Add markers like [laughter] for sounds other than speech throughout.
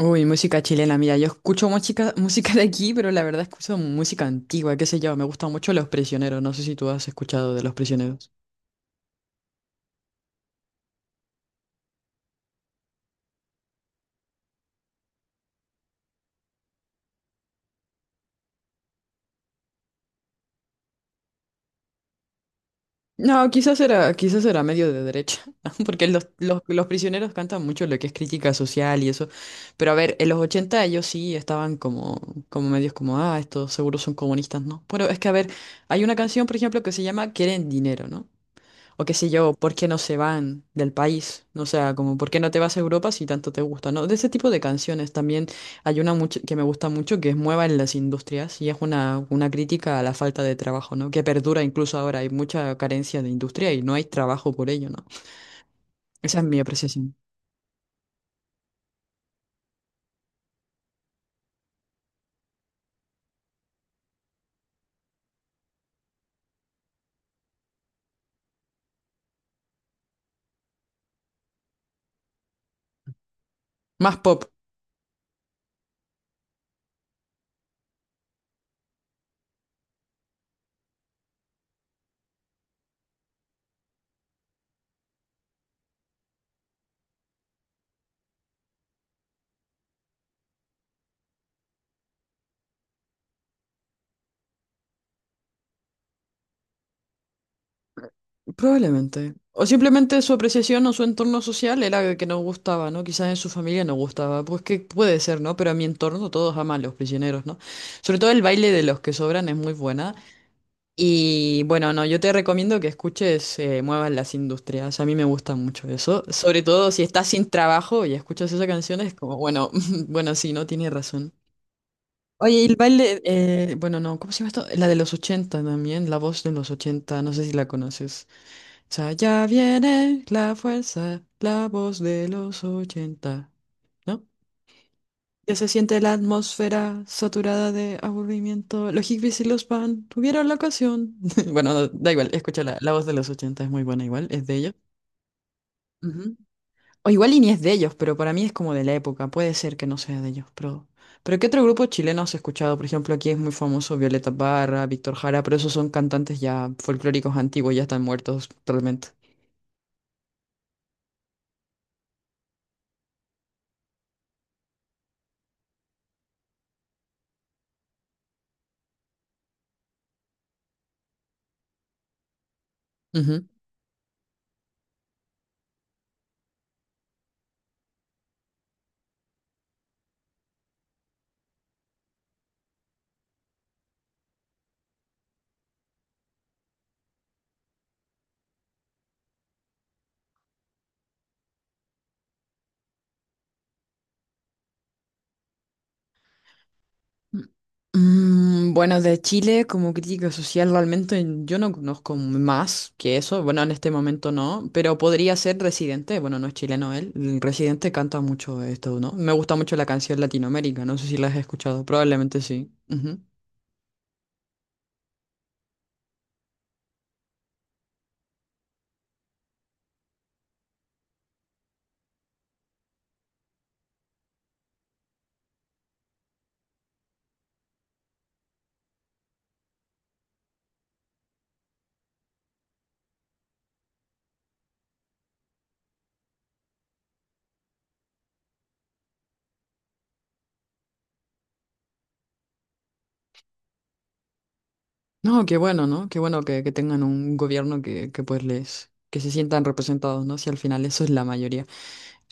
Uy, música chilena, mira, yo escucho música, [laughs] música de aquí, pero la verdad escucho música antigua, qué sé yo, me gustan mucho Los Prisioneros, no sé si tú has escuchado de Los Prisioneros. No, quizás era medio de derecha, [laughs] porque los prisioneros cantan mucho lo que es crítica social y eso, pero a ver, en los 80 ellos sí estaban como, como medios como, ah, estos seguros son comunistas, ¿no? Pero es que, a ver, hay una canción, por ejemplo, que se llama Quieren Dinero, ¿no? O qué sé yo, ¿por qué no se van del país? O sea, como ¿por qué no te vas a Europa si tanto te gusta? ¿No? De ese tipo de canciones también hay una mucho, que me gusta mucho que es Mueva en las industrias y es una crítica a la falta de trabajo, ¿no? Que perdura incluso ahora, hay mucha carencia de industria y no hay trabajo por ello, ¿no? Esa es mi apreciación. Más pop. Probablemente. O simplemente su apreciación o su entorno social era que no gustaba, ¿no? Quizás en su familia no gustaba. Pues que puede ser, ¿no? Pero en mi entorno todos aman los prisioneros, ¿no? Sobre todo el baile de los que sobran es muy buena. Y bueno, no, yo te recomiendo que escuches Muevan las Industrias. A mí me gusta mucho eso. Sobre todo si estás sin trabajo y escuchas esa canción, es como, bueno, [laughs] bueno, sí, no tiene razón. Oye, y el baile, bueno, no, ¿cómo se llama esto? La de los 80 también, la voz de los ochenta no sé si la conoces. Ya viene la fuerza, la voz de los ochenta. ¿No? Ya se siente la atmósfera saturada de aburrimiento. Los hippies y los pan tuvieron la ocasión. [laughs] Bueno, da igual, escucha la voz de los ochenta es muy buena igual, es de ellos. Ujú. O igual y ni es de ellos, pero para mí es como de la época, puede ser que no sea de ellos, pero... Pero ¿qué otro grupo chileno has escuchado? Por ejemplo, aquí es muy famoso Violeta Parra, Víctor Jara, pero esos son cantantes ya folclóricos antiguos, ya están muertos totalmente. Bueno, de Chile como crítica social realmente yo no conozco más que eso, bueno, en este momento no, pero podría ser Residente, bueno, no es chileno él, el Residente canta mucho esto, ¿no? Me gusta mucho la canción Latinoamérica, no sé si la has escuchado, probablemente sí. No, qué bueno, ¿no? Qué bueno que tengan un gobierno que pues les, que se sientan representados, ¿no? Si al final eso es la mayoría.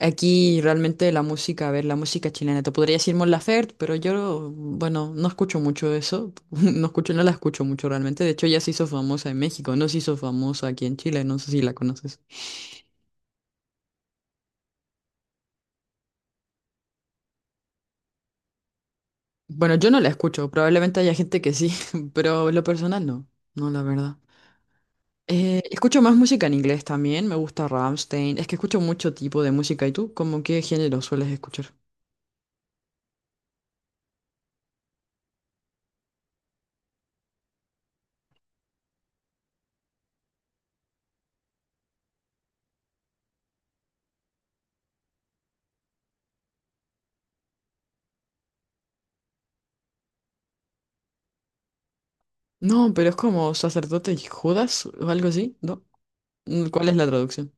Aquí realmente la música, a ver, la música chilena, te podría decir Mon Laferte, pero yo, bueno, no escucho mucho eso, [laughs] no escucho, no la escucho mucho realmente, de hecho ya se hizo famosa en México, no se hizo famosa aquí en Chile, no sé si la conoces. Bueno, yo no la escucho, probablemente haya gente que sí, [laughs] pero en lo personal no, no, la verdad. Escucho más música en inglés también, me gusta Rammstein. Es que escucho mucho tipo de música. ¿Y tú, cómo qué género sueles escuchar? No, pero es como sacerdote y Judas o algo así, ¿no? Mm, ¿cuál es la traducción?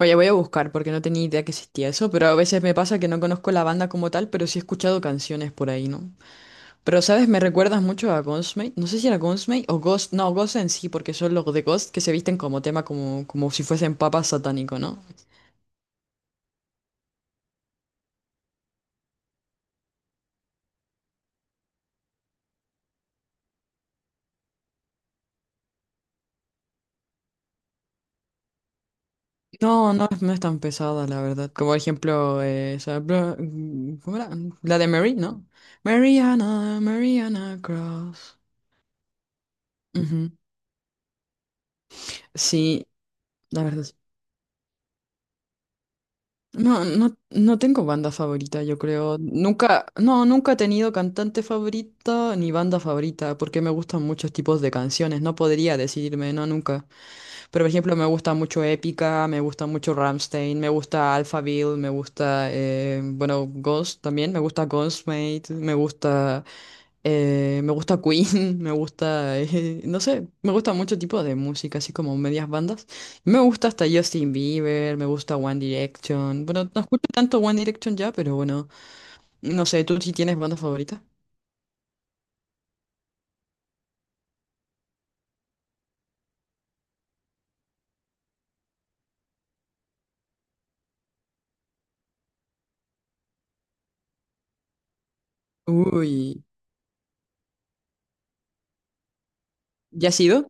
Oye, voy a buscar porque no tenía idea que existía eso, pero a veces me pasa que no conozco la banda como tal, pero sí he escuchado canciones por ahí, ¿no? Pero, ¿sabes? Me recuerdas mucho a Ghostmate. No sé si era Ghostmate o Ghost. No, Ghost en sí, porque son los de Ghost que se visten como tema, como, como si fuesen papas satánico, ¿no? No, no, no es tan pesada, la verdad. Como por ejemplo, esa ¿cómo era? La de Mary, ¿no? Mariana, Mariana Cross. Ujú. Sí, la verdad. Sí. No, no, no tengo banda favorita, yo creo. Nunca, no, nunca he tenido cantante favorito ni banda favorita, porque me gustan muchos tipos de canciones. No podría decidirme, no, nunca. Pero, por ejemplo, me gusta mucho Épica, me gusta mucho Rammstein, me gusta Alphaville, me gusta, bueno, Ghost también, me gusta Ghostmate, me gusta Queen, [laughs] me gusta, no sé, me gusta mucho tipo de música, así como medias bandas. Me gusta hasta Justin Bieber, me gusta One Direction. Bueno, no escucho tanto One Direction ya, pero bueno, no sé, ¿tú sí tienes banda favorita? Uy, ¿ya has ido?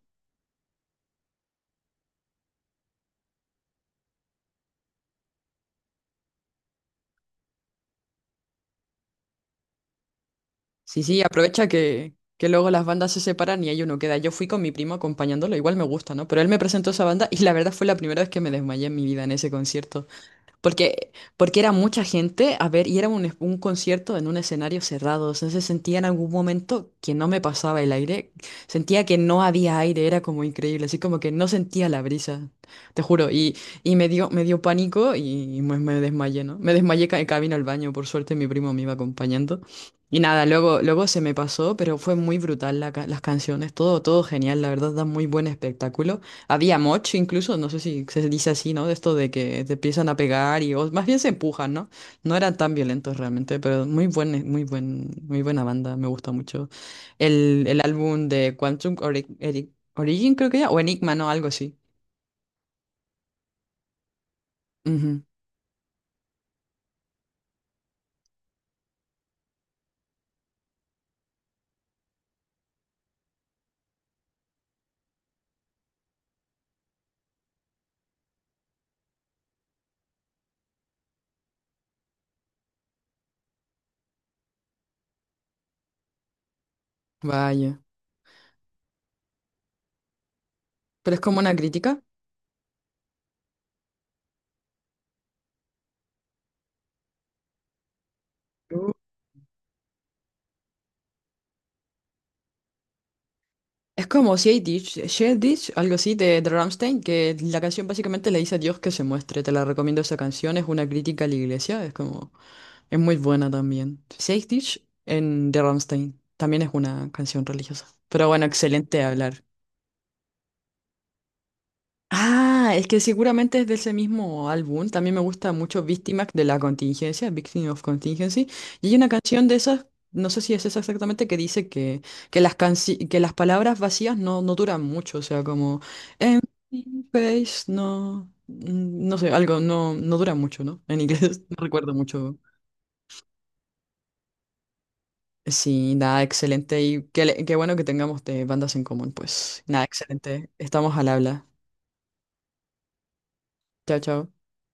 Sí, sí, aprovecha que luego las bandas se separan y ahí uno queda. Yo fui con mi primo acompañándolo, igual me gusta, ¿no? Pero él me presentó esa banda y la verdad fue la primera vez que me desmayé en mi vida en ese concierto. Porque, porque era mucha gente, a ver, y era un, un concierto en un escenario cerrado. Entonces sentía en algún momento que no me pasaba el aire, sentía que no había aire, era como increíble, así como que no sentía la brisa, te juro. Y me dio pánico y me desmayé, ¿no? Me desmayé en camino al baño, por suerte mi primo me iba acompañando. Y nada, luego, luego se me pasó, pero fue muy brutal la las canciones, todo, todo genial, la verdad, da muy buen espectáculo. Había moch incluso, no sé si se dice así, ¿no? De esto de que te empiezan a pegar y o más bien se empujan, ¿no? No eran tan violentos realmente, pero muy buen, muy buen, muy buena banda, me gusta mucho. El álbum de Quantum Origin, creo que era, o Enigma, ¿no? Algo así. Ujú. Vaya. Pero es como una crítica. Es como Shade Ditch, Shade Ditch, algo así de Rammstein, que la canción básicamente le dice a Dios que se muestre. Te la recomiendo esa canción, es una crítica a la iglesia, es como, es muy buena también. Shade Ditch en de Rammstein, también es una canción religiosa. Pero bueno, excelente hablar. Ah, es que seguramente es de ese mismo álbum. También me gusta mucho Víctimas de la Contingencia, Victim of Contingency. Y hay una canción de esas, no sé si es esa exactamente, que dice que, las, que las palabras vacías no, no duran mucho. O sea, como empty space, no, no sé, algo no, no dura mucho, ¿no? En inglés [laughs] no recuerdo mucho. Sí, nada, excelente. Y qué, qué bueno que tengamos de bandas en común, pues. Nada, excelente. Estamos al habla. Chao, chao.